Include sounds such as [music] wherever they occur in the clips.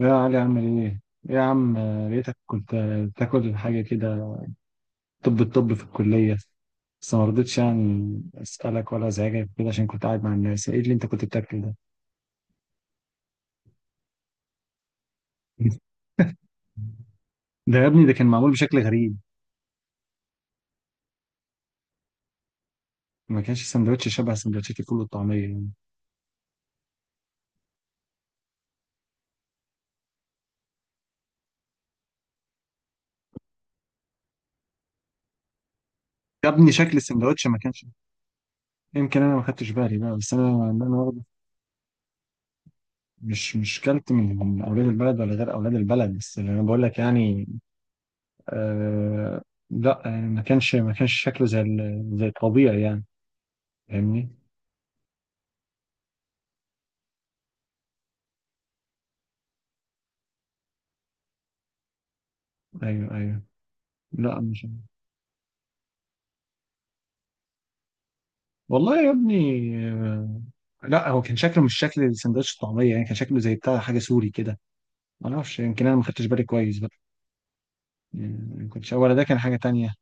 يا علي عامل ايه؟ إيه يا عم. لقيتك كنت تاكل حاجة كده. طب الطب في الكلية. بس ما رضيتش يعني اسألك ولا ازعجك كده عشان كنت قاعد مع الناس. ايه اللي انت كنت بتاكله ده؟ [laughs] ده يا ابني ده كان معمول بشكل غريب. ما كانش سندوتش شبه سندوتشات الفول والطعمية يعني. يا ابني شكل السندوتش ما كانش. يمكن انا ما خدتش بالي بقى، بس انا برضه مش كلت من اولاد البلد ولا غير اولاد البلد، بس اللي انا بقول لك يعني. آه. لا يعني ما كانش شكله زي زي الطبيعي يعني. فاهمني؟ ايوه، ايوه. لا مش. والله يا ابني. آه. لا هو كان شكله مش شكل سندوتش الطعميه يعني، كان شكله زي بتاع حاجه سوري كده. ما اعرفش، يمكن انا ما خدتش بالي كويس بقى. يعني ما كنتش، ولا ده كان حاجه تانية.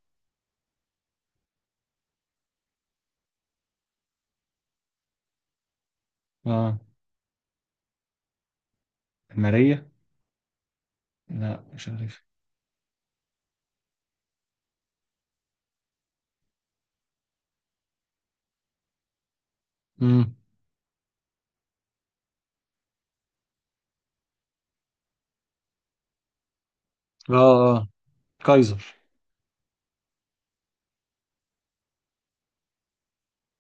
اه. ماريه. لا مش عارف. امم. اه، اه. كايزر.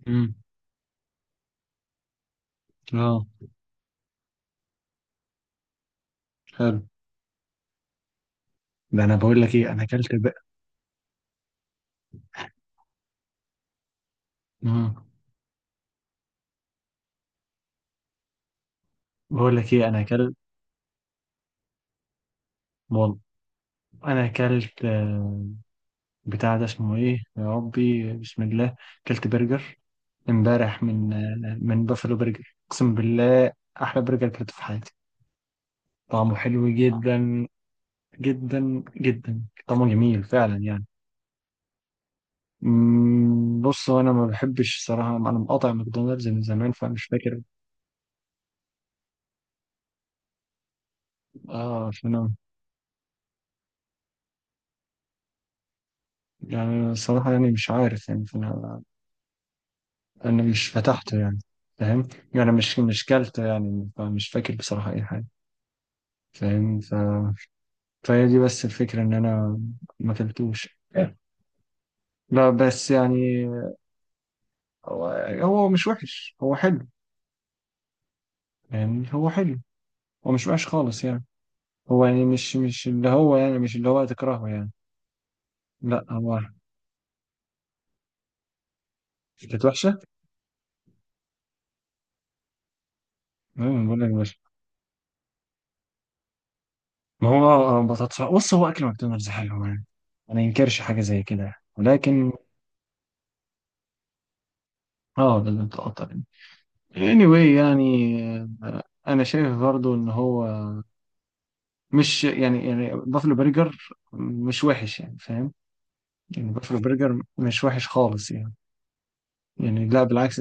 امم. اه. حلو. ده انا بقول لك ايه، انا اكلت بقى. امم. بقول لك ايه انا اكلت. والله انا اكلت بتاع ده اسمه ايه يا ربي بسم الله. اكلت برجر امبارح من بافلو برجر اقسم بالله. احلى برجر اكلته في حياتي. طعمه حلو جدا، جدا جدا طعمه جميل فعلا يعني. أمم، بص هو انا ما بحبش صراحه، انا مقاطع ماكدونالدز من زمان فمش فاكر. اه فانا. يعني صراحه يعني مش عارف يعني، فانا مش فتحته يعني. فاهم. يعني مش كلته يعني فمش فاكر بصراحه اي حاجه. فاهم فهي دي بس الفكره، ان انا ما كلتوش. لا بس يعني. هو هو مش وحش، هو حلو يعني. هو حلو. هو مش وحش خالص يعني. هو يعني مش اللي هو يعني مش اللي هو تكرهه يعني. لا هو. كانت وحشة. أمم، بقول لك مش. ما هو بطاطس، بص هو أكل ماكدونالدز حلو يعني. ما ينكرش حاجة زي كده يعني، ولكن. اه لازم تقطع يعني. anyway يعني. أنا شايف برضو إن هو مش يعني، يعني بافلو برجر مش وحش يعني فاهم. يعني بافلو برجر مش وحش خالص يعني. يعني لا بالعكس.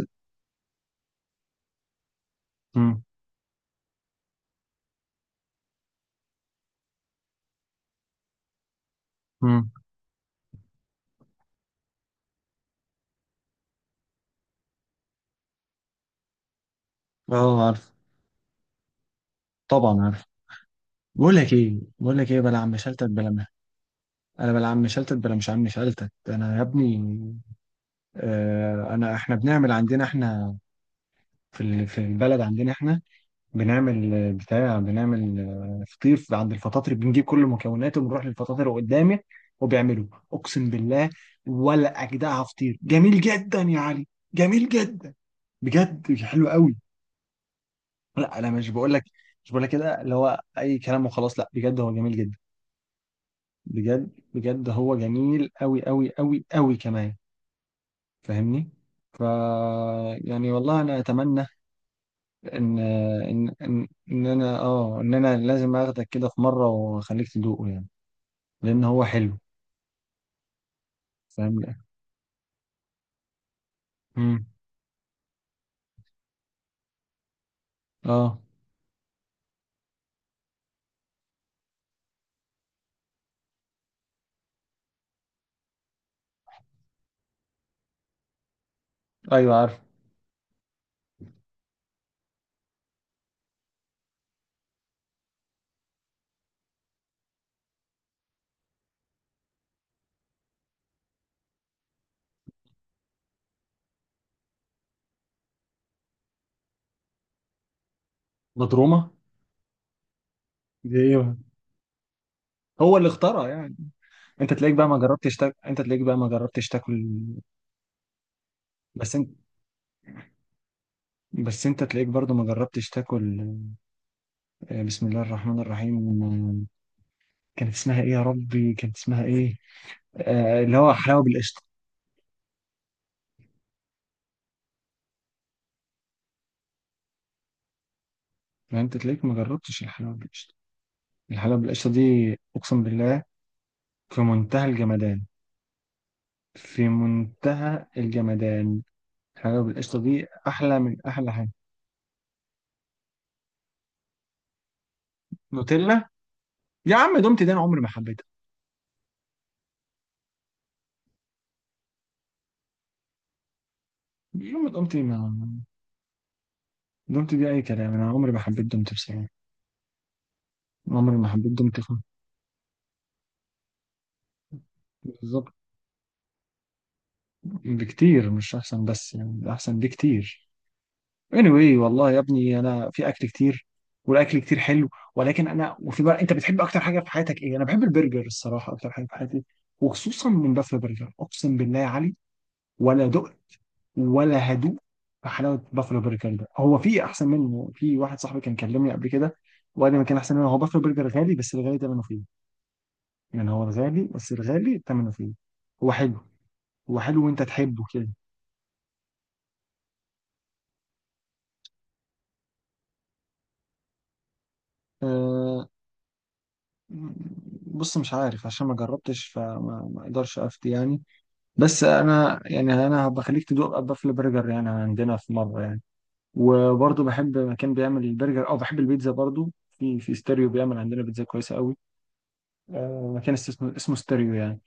مم. اه عارف. طبعا عارف. بقول لك ايه بلا عم شلتت بلا مه. انا بلا عم شلتت بلا مش عم شلتت. انا يا ابني آه انا، احنا بنعمل عندنا احنا، في في البلد عندنا احنا، بنعمل بتاع بنعمل فطير، عند الفطاطر بنجيب كل مكوناته ونروح للفطاطر قدامي وبيعملوه اقسم بالله ولا اجدعها، فطير جميل جدا يا علي، جميل جدا، بجد حلو قوي. لا انا مش بقول لك، مش بقول لك كده اللي هو اي كلام وخلاص، لا بجد هو جميل جدا، بجد بجد هو جميل أوي أوي أوي أوي كمان، فاهمني؟ ف يعني والله انا اتمنى ان ان ان, إن انا اه ان انا لازم اخدك كده في مره واخليك تدوقه يعني، لان هو حلو. فاهم. امم. اه. ايوه عارف. مضرومه. دي إيه؟ هو اللي اخترع يعني. انت تلاقيك بقى ما جربتش تاكل، انت تلاقيك بقى ما جربتش تاكل. بس انت بس انت تلاقيك برضو ما جربتش تاكل. بسم الله الرحمن الرحيم. كانت اسمها ايه يا ربي، كانت اسمها ايه. اللي هو حلاوه بالقشطه. يعني انت تلاقيك ما جربتش الحلاوه بالقشطه. الحلاوه بالقشطه دي اقسم بالله في منتهى الجمدان، في منتهى الجمدان. الحلاوه بالقشطه دي احلى من احلى حاجه. نوتيلا. يا عم دومتي دي انا عمري ما حبيتها. يوم دومتي ما. دومتي دي اي كلام، انا عمري ما حبيت دومتي بصراحه، عمري ما حبيت دومتي خالص. بالظبط. بكتير، مش احسن بس يعني احسن بكتير. anyway والله يا ابني انا، في اكل كتير والاكل كتير حلو، ولكن انا وفي بقى، انت بتحب اكتر حاجه في حياتك ايه؟ انا بحب البرجر الصراحه اكتر حاجه في حياتي، وخصوصا من بافلو برجر اقسم بالله يا علي، ولا دقت ولا هدوء في حلاوه بافلو برجر ده. هو في احسن منه، في واحد صاحبي كان كلمني قبل كده وقال لي ما كان احسن منه، هو بافلو برجر غالي بس الغالي ثمنه فيه. يعني هو الغالي بس الغالي ثمنه فيه. هو حلو. هو حلو وانت تحبه كده. آه، بص مش عارف عشان ما جربتش، فما ما اقدرش افتي يعني. بس انا يعني، انا بخليك تدوق بافل برجر يعني عندنا في مره يعني. وبرضه بحب مكان بيعمل البرجر، او بحب البيتزا برضه. في ستيريو بيعمل عندنا بيتزا كويسه قوي. مكان اسمه ستيريو يعني.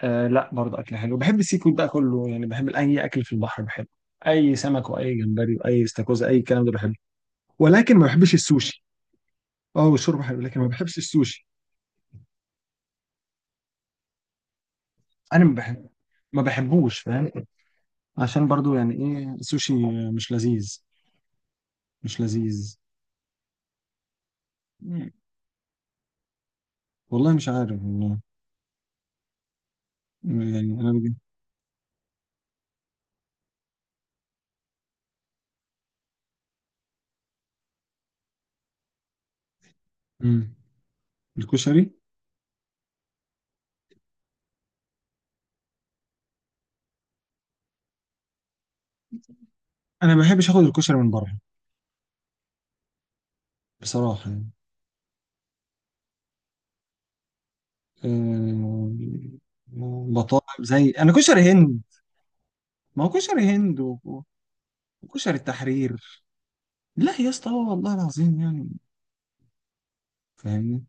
لا برضه اكل حلو، بحب السي فود بقى كله يعني، بحب اي اكل في البحر بحبه. اي سمك واي جمبري واي استاكوزا اي الكلام ده بحبه. ولكن ما بحبش السوشي. اه والشوربه حلو لكن ما بحبش السوشي. انا ما بحب ما بحبوش فاهم، عشان برضو يعني ايه السوشي، مش لذيذ مش لذيذ. مم. والله مش عارف والله، يعني انا بجد. مم. الكشري. انا ما بحبش اخد الكشري من بره بصراحه يعني. أه... بطاطا زي انا كشري هند، ما هو كشري هند وكشري التحرير. لا يا اسطى، هو والله العظيم يعني فاهمني.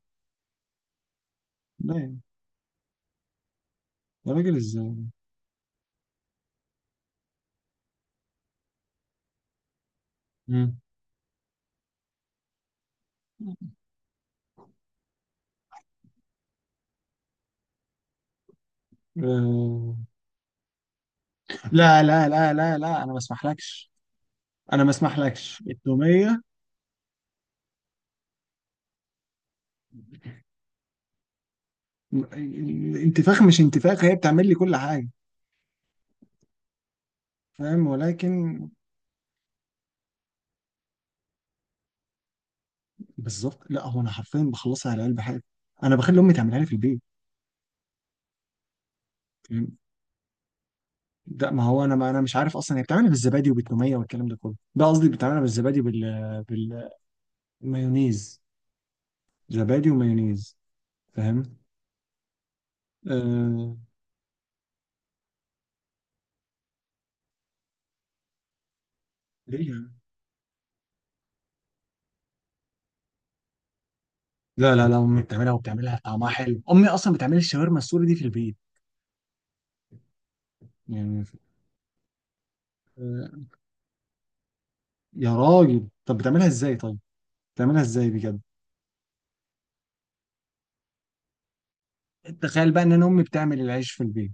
لا يعني. يا راجل ازاي؟ مم. أه... لا لا لا لا لا انا ما اسمحلكش، انا ما اسمحلكش التوميه. الانتفاخ، مش انتفاخ هي بتعمل لي كل حاجه. فاهم. ولكن بالظبط لا هو، انا حرفيا بخلصها على قلب حاجه. انا بخلي امي تعملها لي في البيت. فاهم؟ ده ما هو انا ما انا مش عارف اصلا، هي بتعملها بالزبادي وبالتوميه والكلام ده كله، ده قصدي بتعملها بالزبادي وبال بالمايونيز. زبادي ومايونيز. فاهم. آه... ليه يعني؟ لا لا لا، امي بتعملها وبتعملها طعمها حلو، امي اصلا بتعمل الشاورما السوري دي في البيت يعني. آه... يا راجل طب بتعملها ازاي طيب، بتعملها ازاي بجد. تخيل بقى ان انا امي بتعمل العيش في البيت.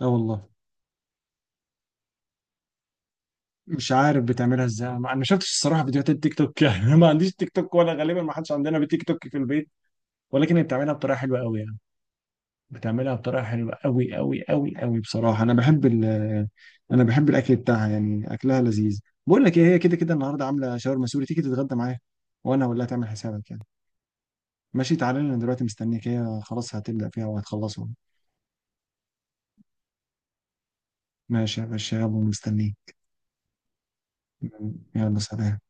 اه والله. مش عارف بتعملها ازاي. انا ما أنا ما شفتش الصراحه فيديوهات التيك توك يعني. [laughs] أنا ما عنديش تيك توك، ولا غالبا ما حدش عندنا بتيك توك في البيت. ولكن هي بتعملها بطريقه حلوه قوي يعني، بتعملها بطريقه حلوه قوي قوي قوي قوي بصراحه. انا بحب ال، انا بحب الاكل بتاعها يعني، اكلها لذيذ. بقول لك ايه، هي كده كده النهارده عامله شاورما سوري، تيجي تتغدى معايا؟ وانا هقول لها تعمل حسابك يعني. ماشي تعالى لي، انا دلوقتي مستنيك، هي خلاص هتبدا فيها وهتخلصها. ماشي يا باشا يلا مستنيك. يلا سلام.